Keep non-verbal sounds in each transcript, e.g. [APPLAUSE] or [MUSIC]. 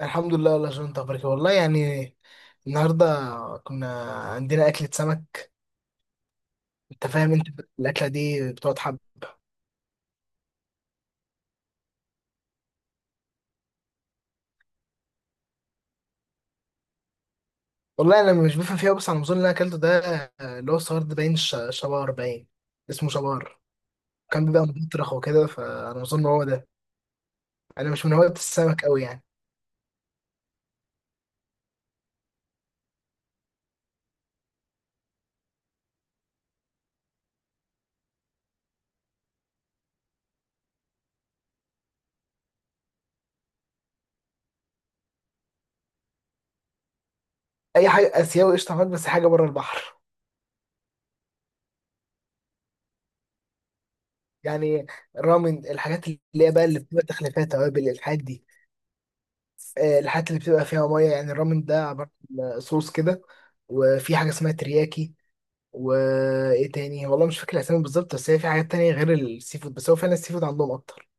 الحمد لله والله يا جون، انت اخبارك إيه؟ والله يعني النهارده كنا عندنا اكله سمك. انت فاهم؟ انت الاكله دي بتقعد حب. والله انا مش بفهم فيها، بس على النظام اللي انا اكلته ده، اللي هو الصغير ده باين، شبار باين، اسمه شبار. كان بيبقى مطرخ وكده، فانا اظن هو ده. انا مش من هواة السمك قوي يعني. اي حاجه اسيوي قشطه معاك، بس حاجه بره البحر. يعني رامن، الحاجات اللي هي بقى اللي بتبقى تخليفات توابل، الحاجات دي. الحاجات اللي بتبقى فيها ميه، يعني الرامن ده عبارة عن صوص كده. وفي حاجة اسمها ترياكي، وايه تاني؟ والله مش فاكر الاسامي بالظبط، بس هي في حاجات تانية غير السي فود، بس هو فعلا السي فود عندهم اكتر.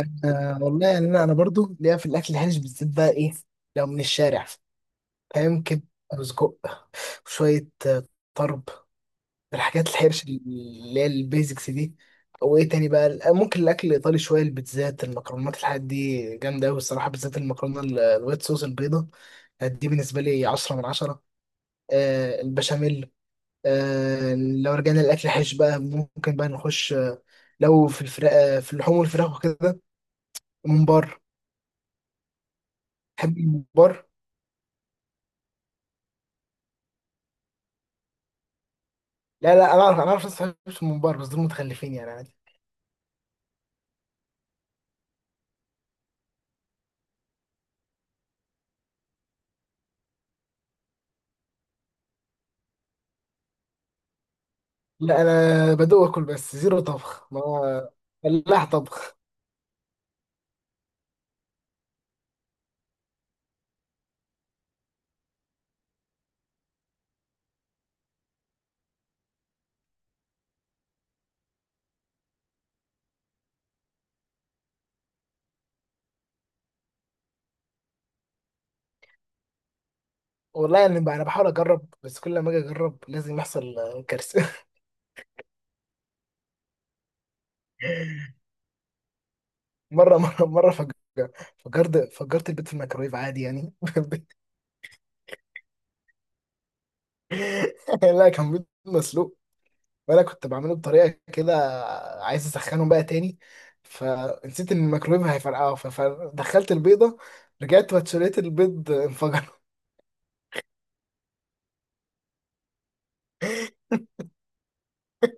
آه والله يعني انا برضو ليا في الاكل الهلس، بالذات بقى، ايه؟ لو من الشارع، فاهم كده، رز كوب وشوية طرب، الحاجات الحرش اللي هي البيزكس دي. وايه تاني بقى؟ ممكن الاكل الايطالي شويه، البيتزات المكرونات، الحاجات دي جامده قوي الصراحه، بالذات المكرونه الوايت صوص البيضه. دي بالنسبه لي 10 من 10. آه البشاميل. آه لو رجعنا للاكل الحرش بقى، ممكن بقى نخش آه، لو في الفراخ، آه في اللحوم والفراخ وكده، ممبار. تحب الممبار؟ لا لا، انا اعرف، انا اعرف ناس ما بتحبش الممبار، بس دول متخلفين يعني، عادي. لا انا بدوق اكل بس، زيرو طبخ. ما هو فلاح طبخ. والله يعني بقى انا بحاول اجرب، بس كل ما اجي اجرب لازم يحصل كارثه. [LAUGHS] مره فجرت البيض في الميكرويف عادي يعني. [LAUGHS] لا كان بيض مسلوق، وانا كنت بعمله بطريقه كده، عايز اسخنه بقى تاني، فنسيت ان الميكرويف هيفرقعه، فدخلت البيضه، رجعت واتشريت البيض انفجر.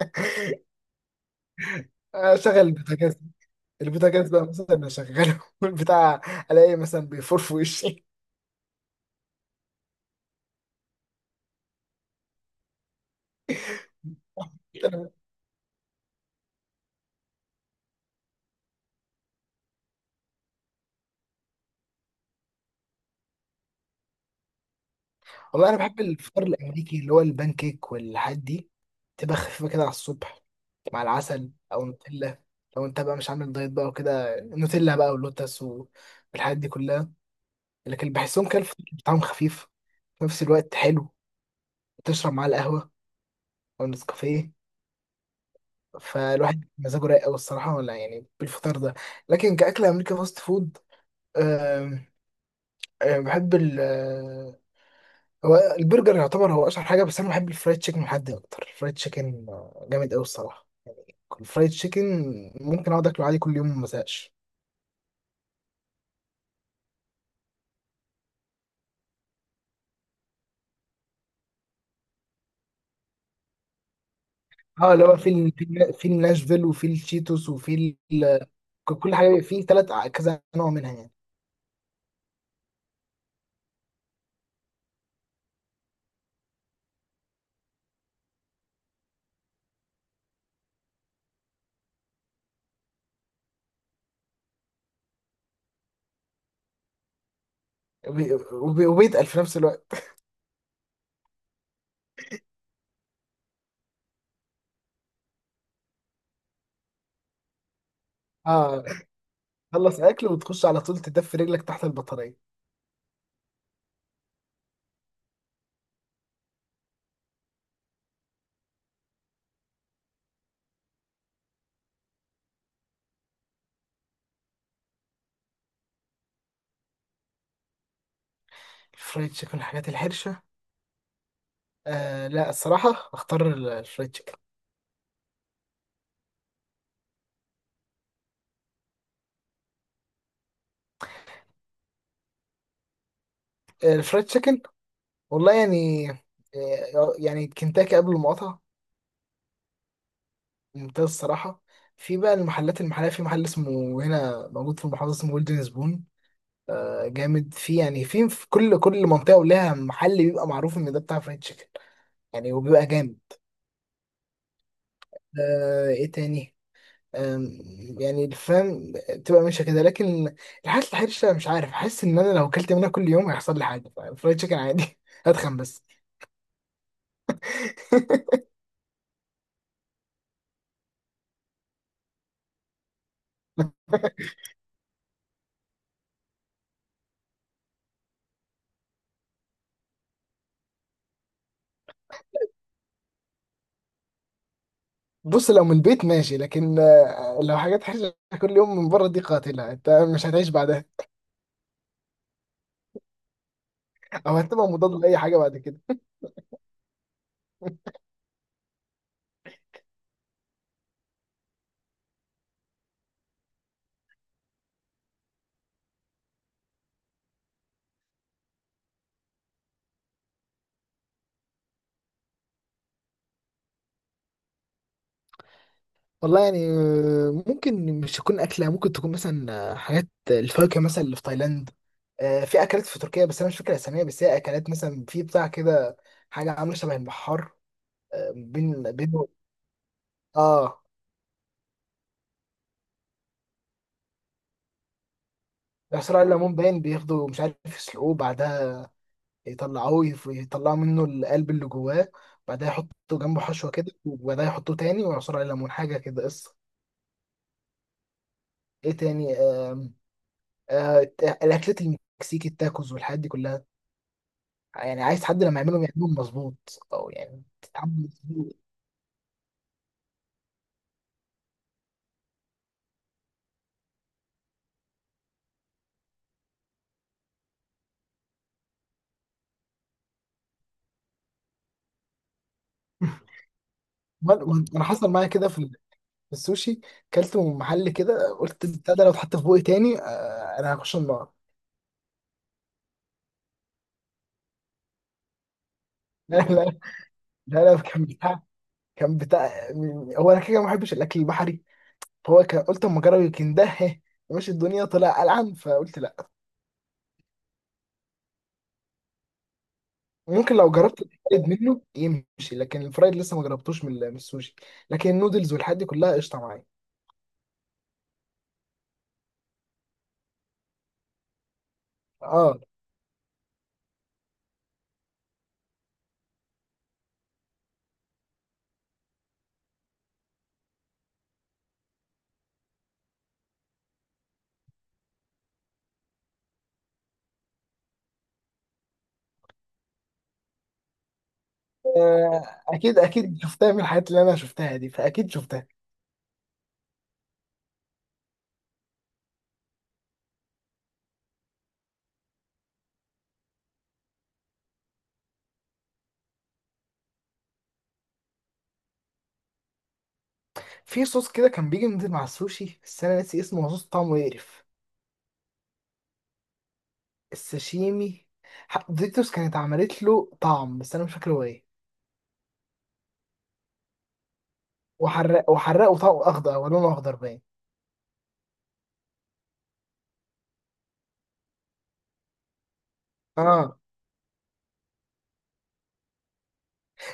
[LAUGHS] اشغل البوتاجاز، البوتاجاز بقى مثلا اشغله، [LAUGHS] والبتاع الاقي مثلا بيفور في وشي. [LAUGHS] والله انا بحب الفطار الامريكي، اللي هو البان كيك والحاجات دي. تبقى خفيفه كده على الصبح، مع العسل او نوتيلا. لو انت بقى مش عامل دايت بقى وكده، نوتيلا بقى ولوتس والحاجات دي كلها. لكن بحسهم كده الفطار بتاعهم خفيف في نفس الوقت حلو، تشرب معاه القهوه او النسكافيه، فالواحد مزاجه رايق قوي الصراحه ولا يعني بالفطار ده. لكن كاكل امريكا فاست فود، أه أه بحب. هو البرجر يعتبر هو اشهر حاجه، بس انا بحب الفرايد تشيكن محدي اكتر. الفرايد تشيكن جامد قوي الصراحه. الفرايد تشيكن ممكن اقعد اكله عادي كل يوم ما ازهقش. اه اللي هو في في في الناشفيل، وفي التشيتوس، وفي كل حاجه في ثلاث كذا نوع منها يعني. وبي- وبي- وبيتقل في نفس الوقت. اه، خلص اكل وتخش على طول تدفي رجلك تحت البطاريه. الفرايد تشيكن، الحاجات الحرشه، آه لا الصراحه اختار الفرايد تشيكن. الفرايد تشيكن والله يعني، يعني كنتاكي قبل المقاطعه ممتاز الصراحة. في بقى المحلات المحلية، في محل اسمه، هنا موجود في المحافظة، اسمه جولدن سبون. آه جامد، في يعني في في كل منطقة ولها محل بيبقى معروف إن ده بتاع فرايد تشيكن يعني، وبيبقى جامد. آه إيه تاني؟ آم، يعني الفهم تبقى ماشية كده، لكن الحاجات الحرشة مش عارف، أحس إن أنا لو أكلت منها كل يوم هيحصل لي حاجة. [LAUGHS] فرايد تشيكن عادي، [LAUGHS] هتخن بس. [LAUGHS] بص لو من البيت ماشي، لكن لو حاجات حرشة كل يوم من بره، دي قاتلة، أنت مش هتعيش بعدها، او هتبقى مضاد لاي حاجه بعد كده. والله يعني ممكن مش تكون اكله، ممكن تكون مثلا حاجات الفاكهه مثلا اللي في تايلاند. في اكلات في تركيا، بس انا مش فاكر اساميها، بس هي اكلات مثلا في بتاع كده، حاجه عامله شبه البحار، بين بينه. اه بيحصلوا على الليمون باين، بياخدوا مش عارف يسلقوه، بعدها يطلعوه، يطلعوا منه القلب اللي جواه، بعدها يحطوا جنبه حشوه كده، وبعدها يحطوه تاني ويعصروا على الليمون حاجه كده قصه. ايه تاني؟ الاكلات المكسيكي التاكوز والحاجات دي كلها، يعني عايز حد لما يعملهم يعملهم مظبوط، او يعني تتعمل مظبوط. [LAUGHS] انا حصل معايا كده في في السوشي. كلت من محل كده، قلت البتاع ده لو اتحط في بوقي تاني انا هخش النار. [LAUGHS] لا لا لا لا، كان بتاع. هو انا كده ما بحبش الاكل البحري، فهو كان، قلت اما اجرب يمكن ده، [LAUGHS] مش الدنيا طلع قلعان فقلت لا. ممكن لو جربت الفرايد منه يمشي، لكن الفرايد لسه ما جربتوش من السوشي. لكن النودلز والحاجات دي كلها قشطه معايا. اه اكيد اكيد شفتها، من الحاجات اللي انا شفتها دي، فاكيد شفتها. في صوص كده كان بيجي نزل مع السوشي، بس انا ناسي اسمه، هو صوص طعمه يقرف. الساشيمي، ديكتوس كانت عملت له طعم، بس انا مش فاكر هو ايه. وحرق وحرقه طعم اخضر، او لونه اخضر باين. اه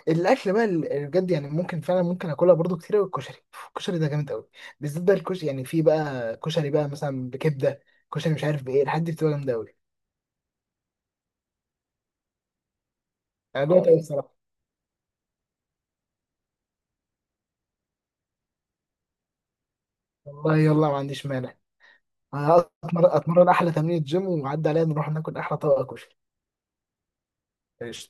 الاكل بقى اللي بجد يعني، ممكن فعلا ممكن اكلها برضو كتير قوي، الكشري. الكشري ده جامد قوي، بالذات بقى الكشري. يعني في بقى كشري بقى مثلا بكبده، كشري مش عارف بايه، الحاجات دي بتبقى جامده قوي. انا دوت قوي بصراحه، والله يلا ما عنديش مانع. أنا اتمرن احلى تمرين جيم، وعدي عليا نروح ناكل احلى طبق كشري.